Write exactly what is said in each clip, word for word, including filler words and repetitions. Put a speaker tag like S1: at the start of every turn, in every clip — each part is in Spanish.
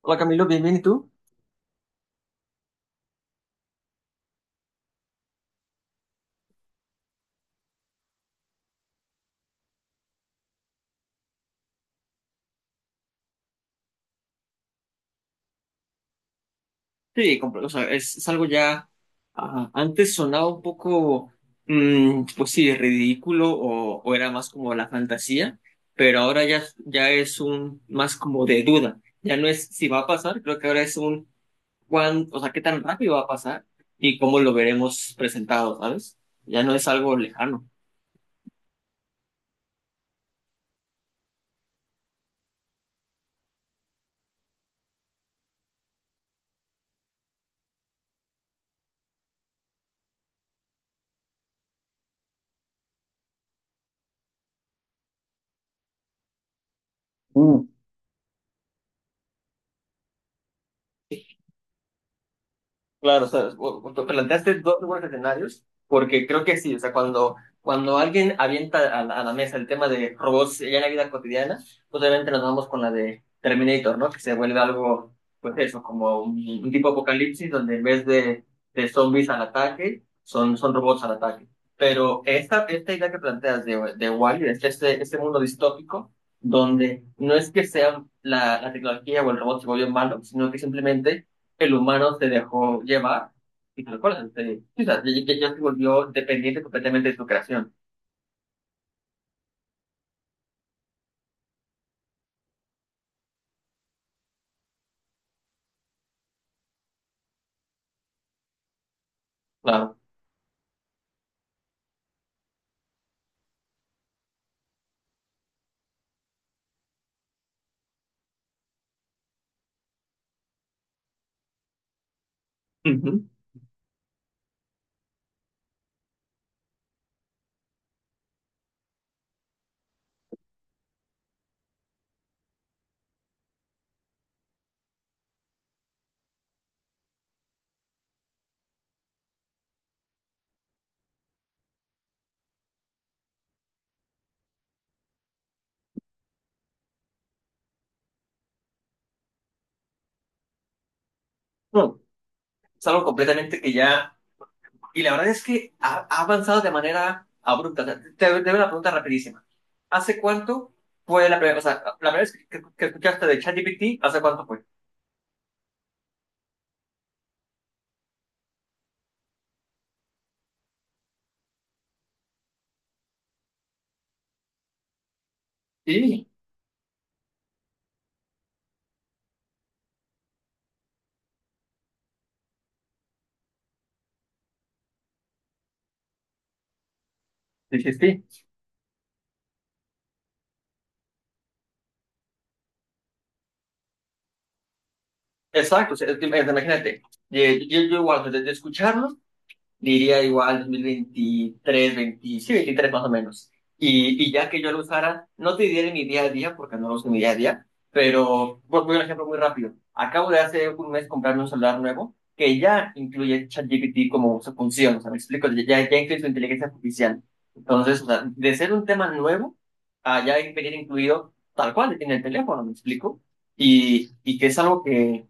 S1: Hola Camilo, bien, bien, ¿y tú? Sí, compro- o sea, es, es algo ya, ajá, antes sonaba un poco, mm, pues sí, ridículo o, o era más como la fantasía, pero ahora ya, ya es un más como de duda. Ya no es si va a pasar, creo que ahora es un cuán, o sea, qué tan rápido va a pasar y cómo lo veremos presentado, ¿sabes? Ya no es algo lejano. Claro, o sea, o- o- tú planteaste dos buenos escenarios, porque creo que sí, o sea, cuando, cuando alguien avienta a la, a la mesa el tema de robots ya en la vida cotidiana, pues obviamente nos vamos con la de Terminator, ¿no? Que se vuelve algo, pues eso, como un, un tipo apocalipsis donde en vez de, de zombies al ataque, son, son robots al ataque. Pero esta, esta idea que planteas de, de Wall-E, de este, este este mundo distópico, donde no es que sea la, la tecnología o el robot se vuelve malo, sino que simplemente el humano se dejó llevar y tal cual, se- sí, o sea, ya, ya- ya se volvió dependiente completamente de su creación. Claro. Ujú. No, es algo completamente que ya. Y la verdad es que ha, ha avanzado de manera abrupta. O sea, te, te doy una pregunta rapidísima. ¿Hace cuánto fue la primera, o sea, la primera vez que, que- que escuchaste de ChatGPT? ¿Hace cuánto fue? Sí, sí, sí. Sí. Exacto, o sea, es que, imagínate, yo, yo, yo igual, de, de escucharlo diría igual dos mil veintitrés, veinte, sí, veintitrés más o menos. Y, y ya que yo lo usara, no te diré mi día a día, porque no lo uso en mi día a día, pero pues, voy a un ejemplo muy rápido. Acabo de hace un mes comprarme un celular nuevo que ya incluye ChatGPT como su función, o sea, me explico, ya, ya incluye su inteligencia artificial. Entonces, o sea, de ser un tema nuevo, a ya venir incluido tal cual en el teléfono, me explico. Y, y que es algo que,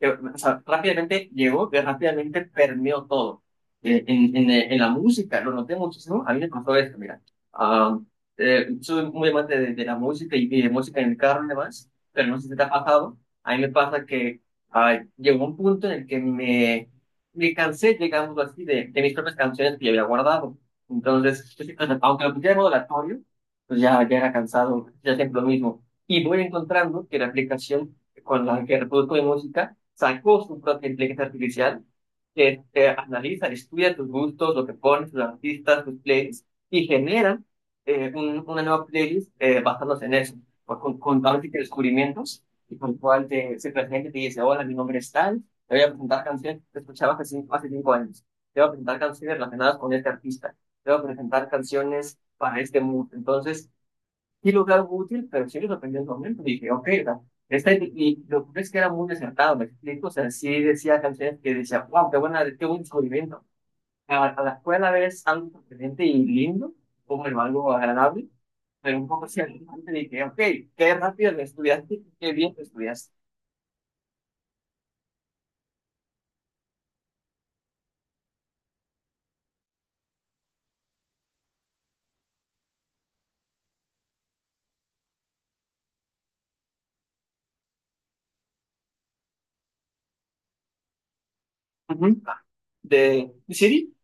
S1: que, o sea, rápidamente llegó, que rápidamente permeó todo. Eh, En, en, eh, en la música, lo noté muchísimo. A mí me pasó esto, mira. Ah, eh, soy muy amante de, de la música y, y de música en el carro y demás, pero no sé si te ha pasado. A mí me pasa que ah, llegó un punto en el que me, me cansé, digamos así, de, de mis propias canciones que yo había guardado. Entonces, pues, o sea, aunque lo pusiera en modo aleatorio, pues ya, ya era cansado, ya siempre lo mismo. Y voy encontrando que la aplicación con la que reproduzco mi música sacó su propia inteligencia artificial, que eh, analiza, estudia tus gustos, lo que pones, tus artistas, tus playlists, y genera eh, un- una nueva playlist, eh, basándose en eso, por- con, con ahora sí descubrimientos, y con el cual te, se presenta y te dice, hola, mi nombre es tal, te voy a presentar canciones que escuchabas hace cinco, hace cinco años, te voy a presentar canciones relacionadas con este artista, te voy a presentar canciones para este mood. Entonces, sí lo veo algo útil, pero sí lo aprendí al momento. Dije, ok, o sea, esta, y y lo que es que era muy desertado, me explico. O sea, sí decía canciones que decía, wow, qué buena, qué buen descubrimiento. A, a la escuela ves algo sorprendente y lindo, como algo agradable, pero un poco así alarmante. Dije, ok, qué rápido lo estudiaste, qué bien lo estudiaste. Ujú. De Siri.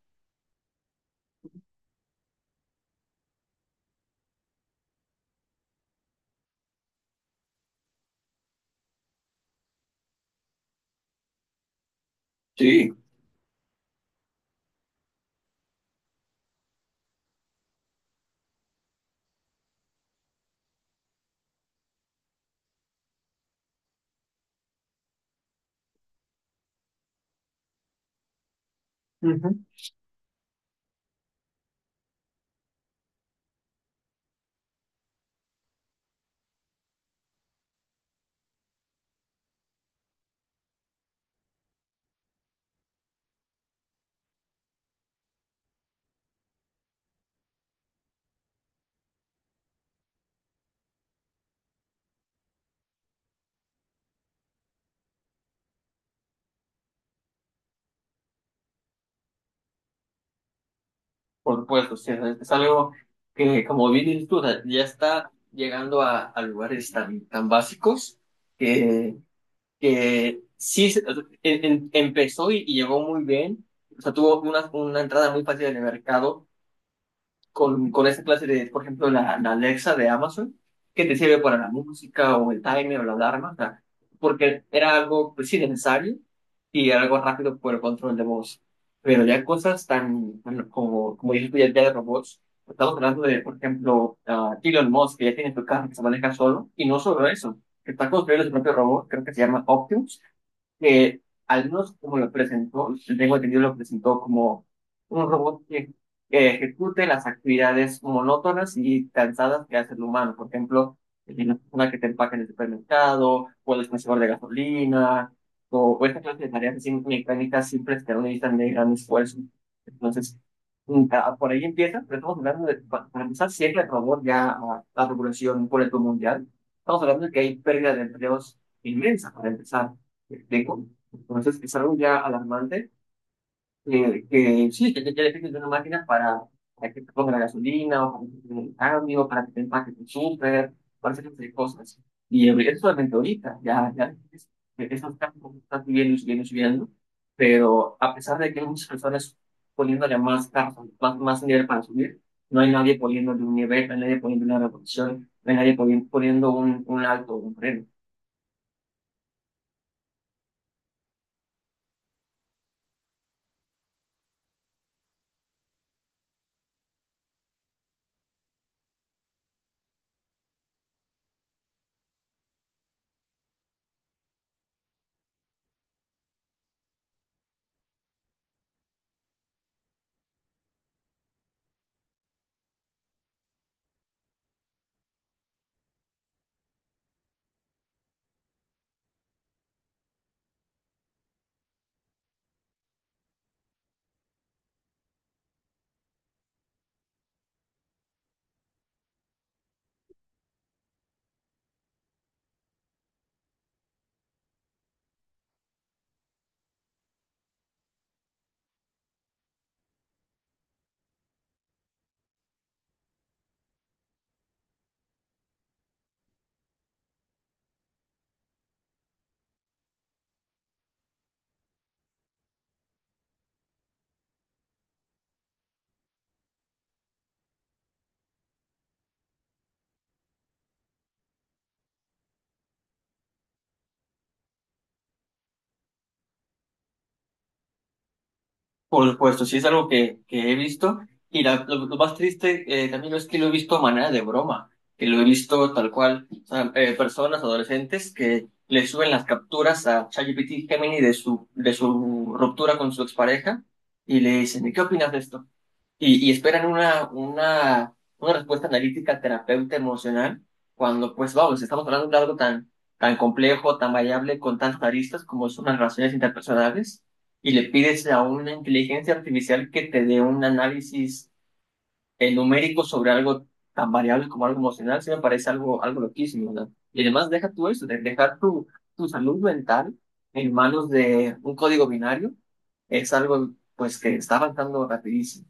S1: Sí. Ujú. Por supuesto, sí, es es algo que, como bien dices tú, o sea, ya está llegando a, a lugares tan, tan básicos que que sí se- o sea, em- em- empezó y, y llegó muy bien. O sea, tuvo una, una entrada muy fácil en el mercado con, con esa clase de, por ejemplo, la, la Alexa de Amazon, que te sirve para la música o el timer o la alarma, o sea, porque era algo, pues sí, necesario y algo rápido por el control de voz. Pero ya cosas tan, bueno, como, como dices tú, ya, ya de robots, estamos hablando de, por ejemplo, ah, Elon Musk, que ya tiene su carro que se maneja solo, y no solo eso, que está construyendo su propio robot, creo que se llama Optimus, que al menos como lo presentó, tengo entendido, lo presentó como un robot que, que ejecute las actividades monótonas y cansadas que hace el humano. Por ejemplo, la persona que te empaca en el supermercado, o el dispensador de gasolina, o, o esta clase de tareas así mecánicas simples que no necesitan de gran esfuerzo. Entonces, mm, ah, por ahí empieza, pero estamos hablando de, pa- para empezar siempre el robot ya a la regulación por el mundo mundial. Estamos hablando de que hay pérdida de empleos inmensa para empezar. ¿Me explico? Entonces es algo ya alarmante, eh, que sí, que ya, ya le estoy una máquina para, para que te ponga la gasolina, o para que te den el cambio, para que te empaque tu súper, para hacer de cosas. Y eh, eso solamente ahorita, ya, ya es- esos campos están subiendo y subiendo y subiendo, pero a pesar de que hay muchas personas poniéndole más carros, más, más nivel para subir, no hay nadie poniéndole un nivel, no hay nadie poniendo una revolución, no hay nadie poni- poniendo un, un alto, un freno. Por supuesto, sí es algo que, que he visto. Y la- lo, lo más triste, eh, también es que lo he visto a manera de broma, que lo he visto tal cual. O sea, eh, personas, adolescentes, que le suben las capturas a ChatGPT Gemini de su, de su ruptura con su expareja y le dicen, ¿y qué opinas de esto? y, y esperan una, una, una respuesta analítica, terapeuta emocional, cuando pues vamos, estamos hablando de algo tan, tan complejo, tan variable, con tantas aristas como son las relaciones interpersonales, y le pides a una inteligencia artificial que te dé un análisis, eh, numérico sobre algo tan variable como algo emocional. Sí me parece algo, algo loquísimo, ¿no? Y además deja tú eso, de dejar tu, tu salud mental en manos de un código binario, es algo pues que está avanzando rapidísimo.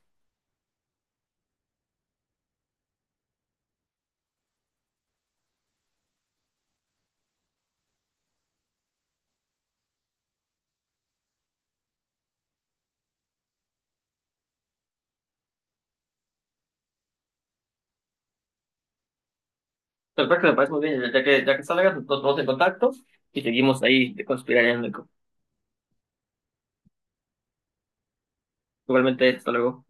S1: Perfecto, me parece muy bien. Ya que, ya que salgas, nos vamos en contacto y seguimos ahí conspirando. Igualmente, hasta luego.